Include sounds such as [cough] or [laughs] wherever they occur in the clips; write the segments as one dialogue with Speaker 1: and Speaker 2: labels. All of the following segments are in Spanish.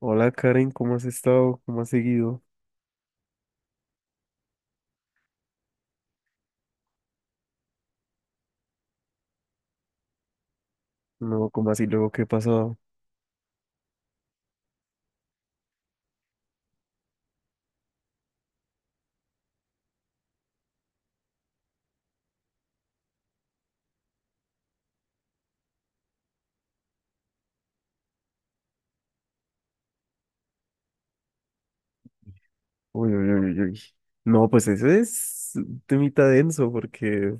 Speaker 1: Hola Karen, ¿cómo has estado? ¿Cómo has seguido? No, ¿cómo así luego qué ha pasado? Uy, uy, uy, uy. No, pues ese es un temita denso porque,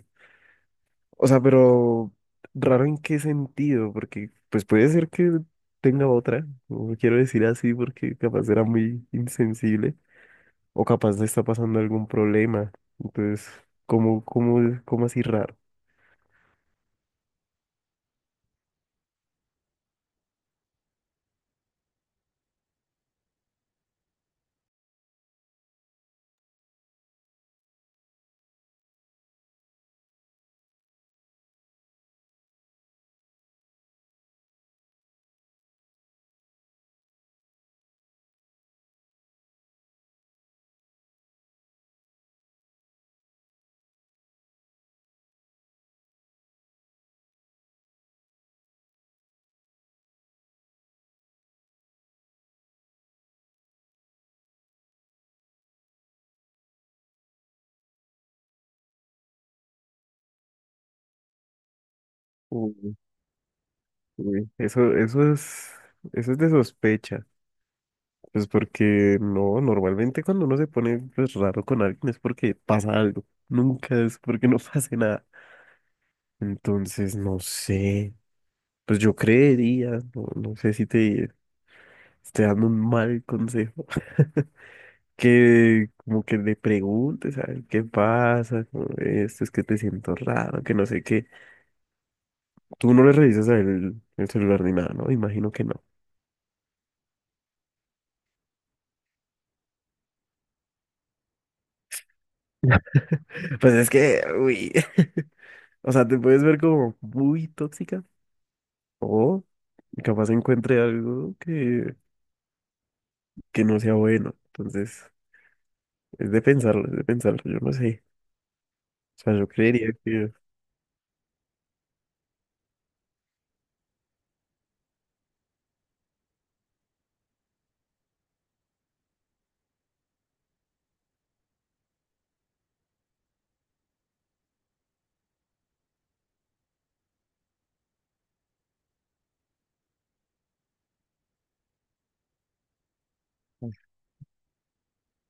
Speaker 1: o sea, pero raro en qué sentido, porque pues puede ser que tenga otra, no quiero decir así porque capaz era muy insensible o capaz le está pasando algún problema. Entonces, ¿cómo, cómo, cómo así raro? Uy, uy. Eso es, eso es de sospecha. Pues porque no, normalmente cuando uno se pone pues, raro con alguien es porque pasa algo. Nunca es porque no [laughs] pase nada. Entonces, no sé. Pues yo creería, no, no sé si te estoy dando un mal consejo, [laughs] que como que le preguntes a él qué pasa, como, esto es que te siento raro, que no sé qué. Tú no le revisas a él el celular ni nada, ¿no? Imagino que no. [laughs] Pues es que, uy. [laughs] O sea, te puedes ver como muy tóxica. O Y capaz encuentre algo que no sea bueno. Entonces, es de pensarlo, yo no sé. O sea, yo creería que,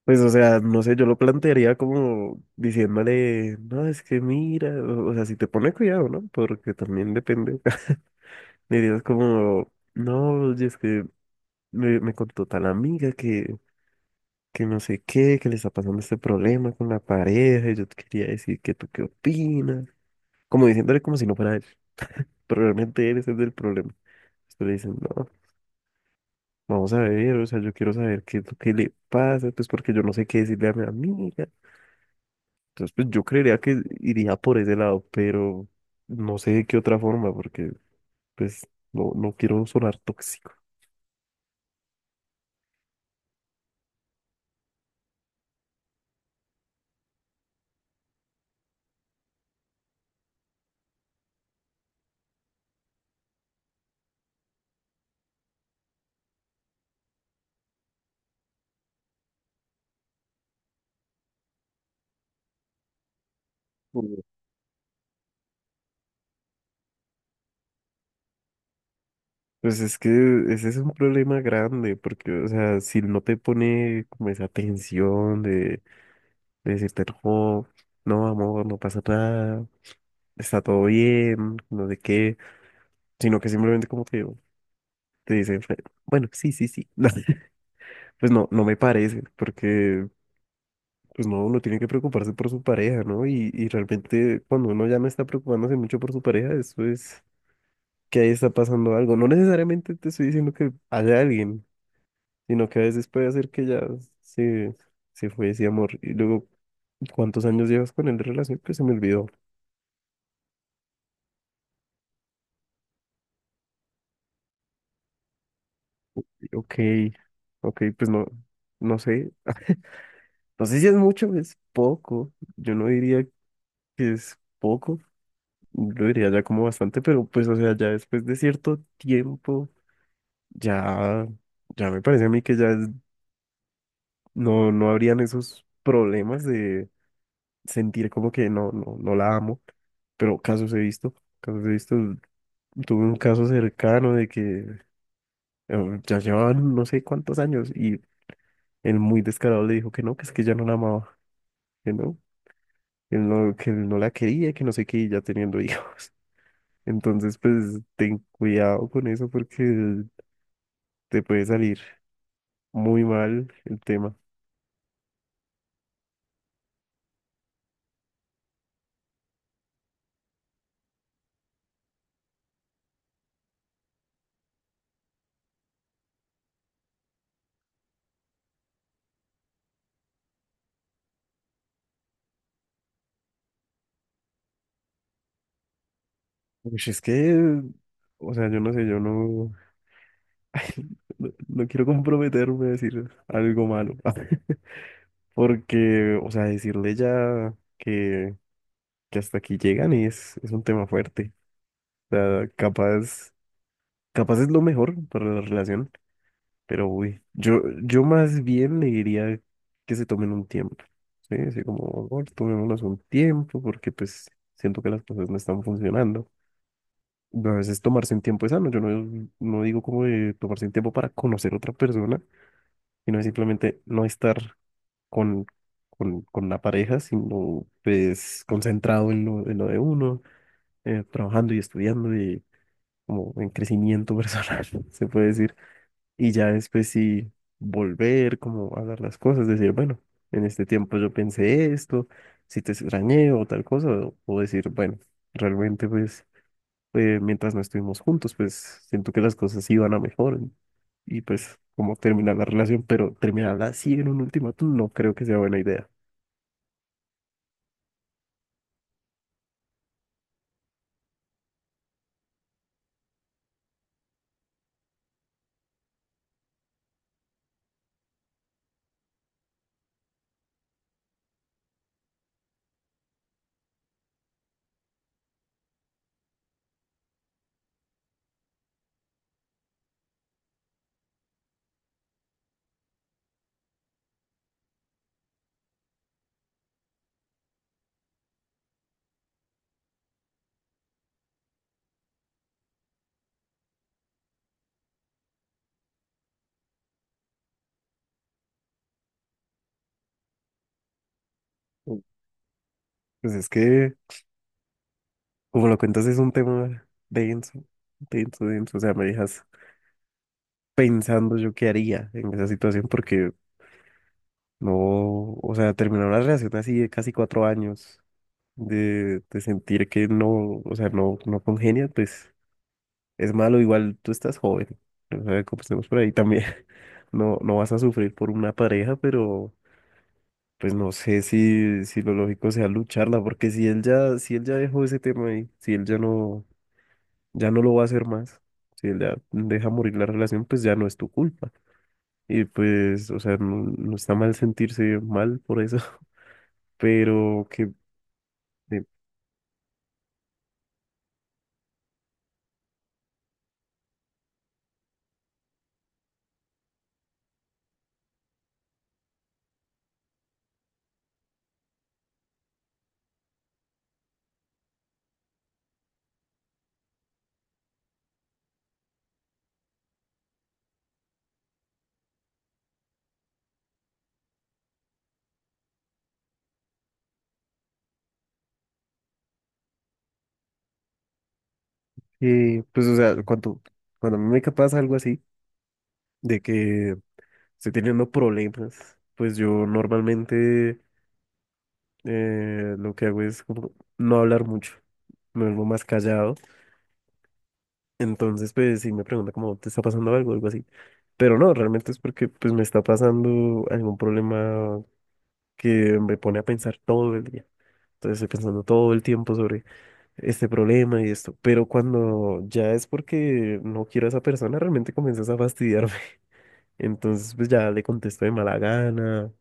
Speaker 1: pues, o sea, no sé, yo lo plantearía como diciéndole, no, es que mira, o sea, si te pone cuidado, ¿no? Porque también depende. [laughs] Le dirías como, no, y es que me contó tal amiga que no sé qué, que le está pasando este problema con la pareja, y yo te quería decir que tú qué opinas. Como diciéndole como si no fuera él. Pero realmente él es el del problema. Entonces le dicen, no, vamos a ver, o sea, yo quiero saber qué es lo que le pasa, pues porque yo no sé qué decirle a mi amiga. Entonces, pues yo creería que iría por ese lado, pero no sé de qué otra forma, porque pues no, no quiero sonar tóxico. Mm. Pues es que ese es un problema grande, porque, o sea, si no te pone como esa tensión de decirte, no, no, amor, no pasa nada, está todo bien, no sé qué, sino que simplemente como que te dicen, "Fe- bueno, sí, sí, sí". [laughs] No, pues no, no me parece, porque pues no, uno tiene que preocuparse por su pareja, ¿no? Y realmente cuando uno ya no está preocupándose mucho por su pareja, eso es que ahí está pasando algo. No necesariamente te estoy diciendo que haya alguien, sino que a veces puede hacer que ya se, se fue ese amor. Y luego, ¿cuántos años llevas con él de relación? Pues se me olvidó. Ok, ok, pues no, no sé. No sé si es mucho, o es poco. Yo no diría que es poco. Lo diría ya como bastante, pero pues, o sea, ya después de cierto tiempo, ya, ya me parece a mí que ya es- no, no habrían esos problemas de sentir como que no, no, no la amo, pero casos he visto, tuve un caso cercano de que ya llevaban no sé cuántos años y el muy descarado le dijo que no, que es que ya no la amaba, que no, que no, que no la quería, que no sé qué, y ya teniendo hijos. [laughs] Entonces, pues, ten cuidado con eso porque te puede salir muy mal el tema. Pues es que, o sea, yo no sé, yo no, [laughs] no, no quiero comprometerme a decir algo malo, [laughs] porque, o sea, decirle ya que hasta aquí llegan es un tema fuerte. O sea, capaz, capaz es lo mejor para la relación, pero uy, yo más bien le diría que se tomen un tiempo, ¿sí? Así como, amor, tomémonos un tiempo, porque pues siento que las cosas no están funcionando. A veces tomarse un tiempo es sano. Yo no, no digo como de tomarse un tiempo para conocer a otra persona, sino es simplemente no estar con, con la pareja, sino pues concentrado en lo de uno, trabajando y estudiando y como en crecimiento personal, [laughs] se puede decir. Y ya después sí volver, como a hablar las cosas, decir, bueno, en este tiempo yo pensé esto, si te extrañé o tal cosa, o decir, bueno, realmente pues mientras no estuvimos juntos, pues siento que las cosas iban a mejor y pues como terminar la relación, pero terminarla así en un ultimátum no creo que sea buena idea. Mm. Pues es que, como lo cuentas, es un tema denso, denso, denso, o sea, me dejas pensando yo qué haría en esa situación porque no, o sea, terminar una relación así de casi 4 años, de sentir que no, o sea, no, no congenia, pues... es malo, igual tú estás joven, o sea, comencemos por ahí también. [laughs] No, no vas a sufrir por una pareja, pero pues no sé si, si lo lógico sea lucharla, porque si él ya, si él ya dejó ese tema ahí, si él ya no, ya no lo va a hacer más, si él ya deja morir la relación, pues ya no es tu culpa. Y pues, o sea, no, no está mal sentirse mal por eso, [laughs] pero que, eh, pues, o sea, cuando, cuando a mí me pasa algo así, de que estoy teniendo problemas, pues yo normalmente lo que hago es como no hablar mucho, me vuelvo más callado. Entonces, pues sí me pregunta como, ¿te está pasando algo? Algo así. Pero no, realmente es porque pues me está pasando algún problema que me pone a pensar todo el día. Entonces estoy pensando todo el tiempo sobre este problema y esto. Pero cuando ya es porque no quiero a esa persona, realmente comienzas a fastidiarme. [laughs] Entonces pues ya le contesto de mala gana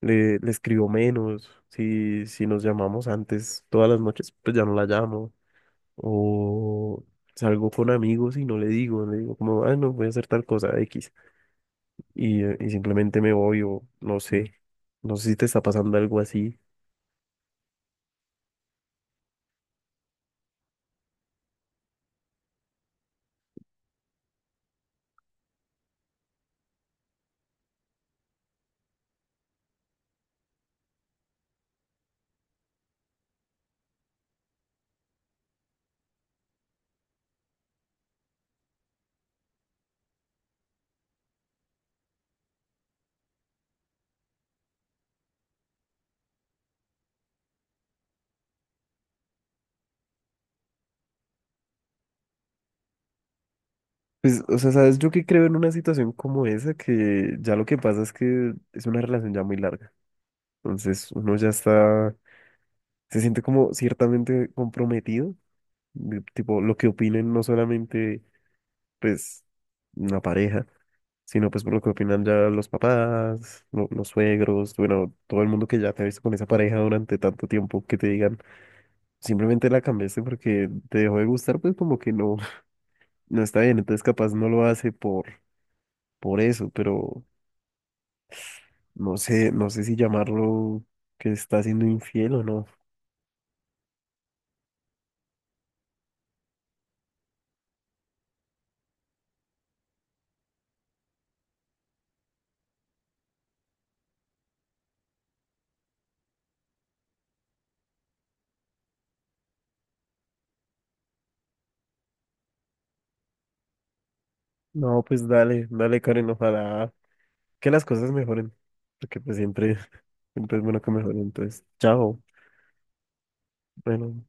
Speaker 1: le escribo menos, si, si nos llamamos antes todas las noches, pues ya no la llamo, o salgo con amigos y no le digo, le digo como, ah, no, voy a hacer tal cosa X, y simplemente me voy o no sé, no sé si te está pasando algo así. Pues, o sea, ¿sabes? Yo que creo en una situación como esa, que ya lo que pasa es que es una relación ya muy larga, entonces uno ya está, se siente como ciertamente comprometido, de- tipo, lo que opinen no solamente pues una pareja, sino pues por lo que opinan ya los papás, lo- los suegros, bueno, todo el mundo que ya te ha visto con esa pareja durante tanto tiempo que te digan, simplemente la cambiaste porque te dejó de gustar, pues como que no, [laughs] no está bien, entonces capaz no lo hace por eso, pero no sé, no sé si llamarlo que está siendo infiel o no. No, pues dale, dale Karen, ojalá que las cosas mejoren, porque pues siempre, siempre es bueno que mejoren, entonces, chao, bueno.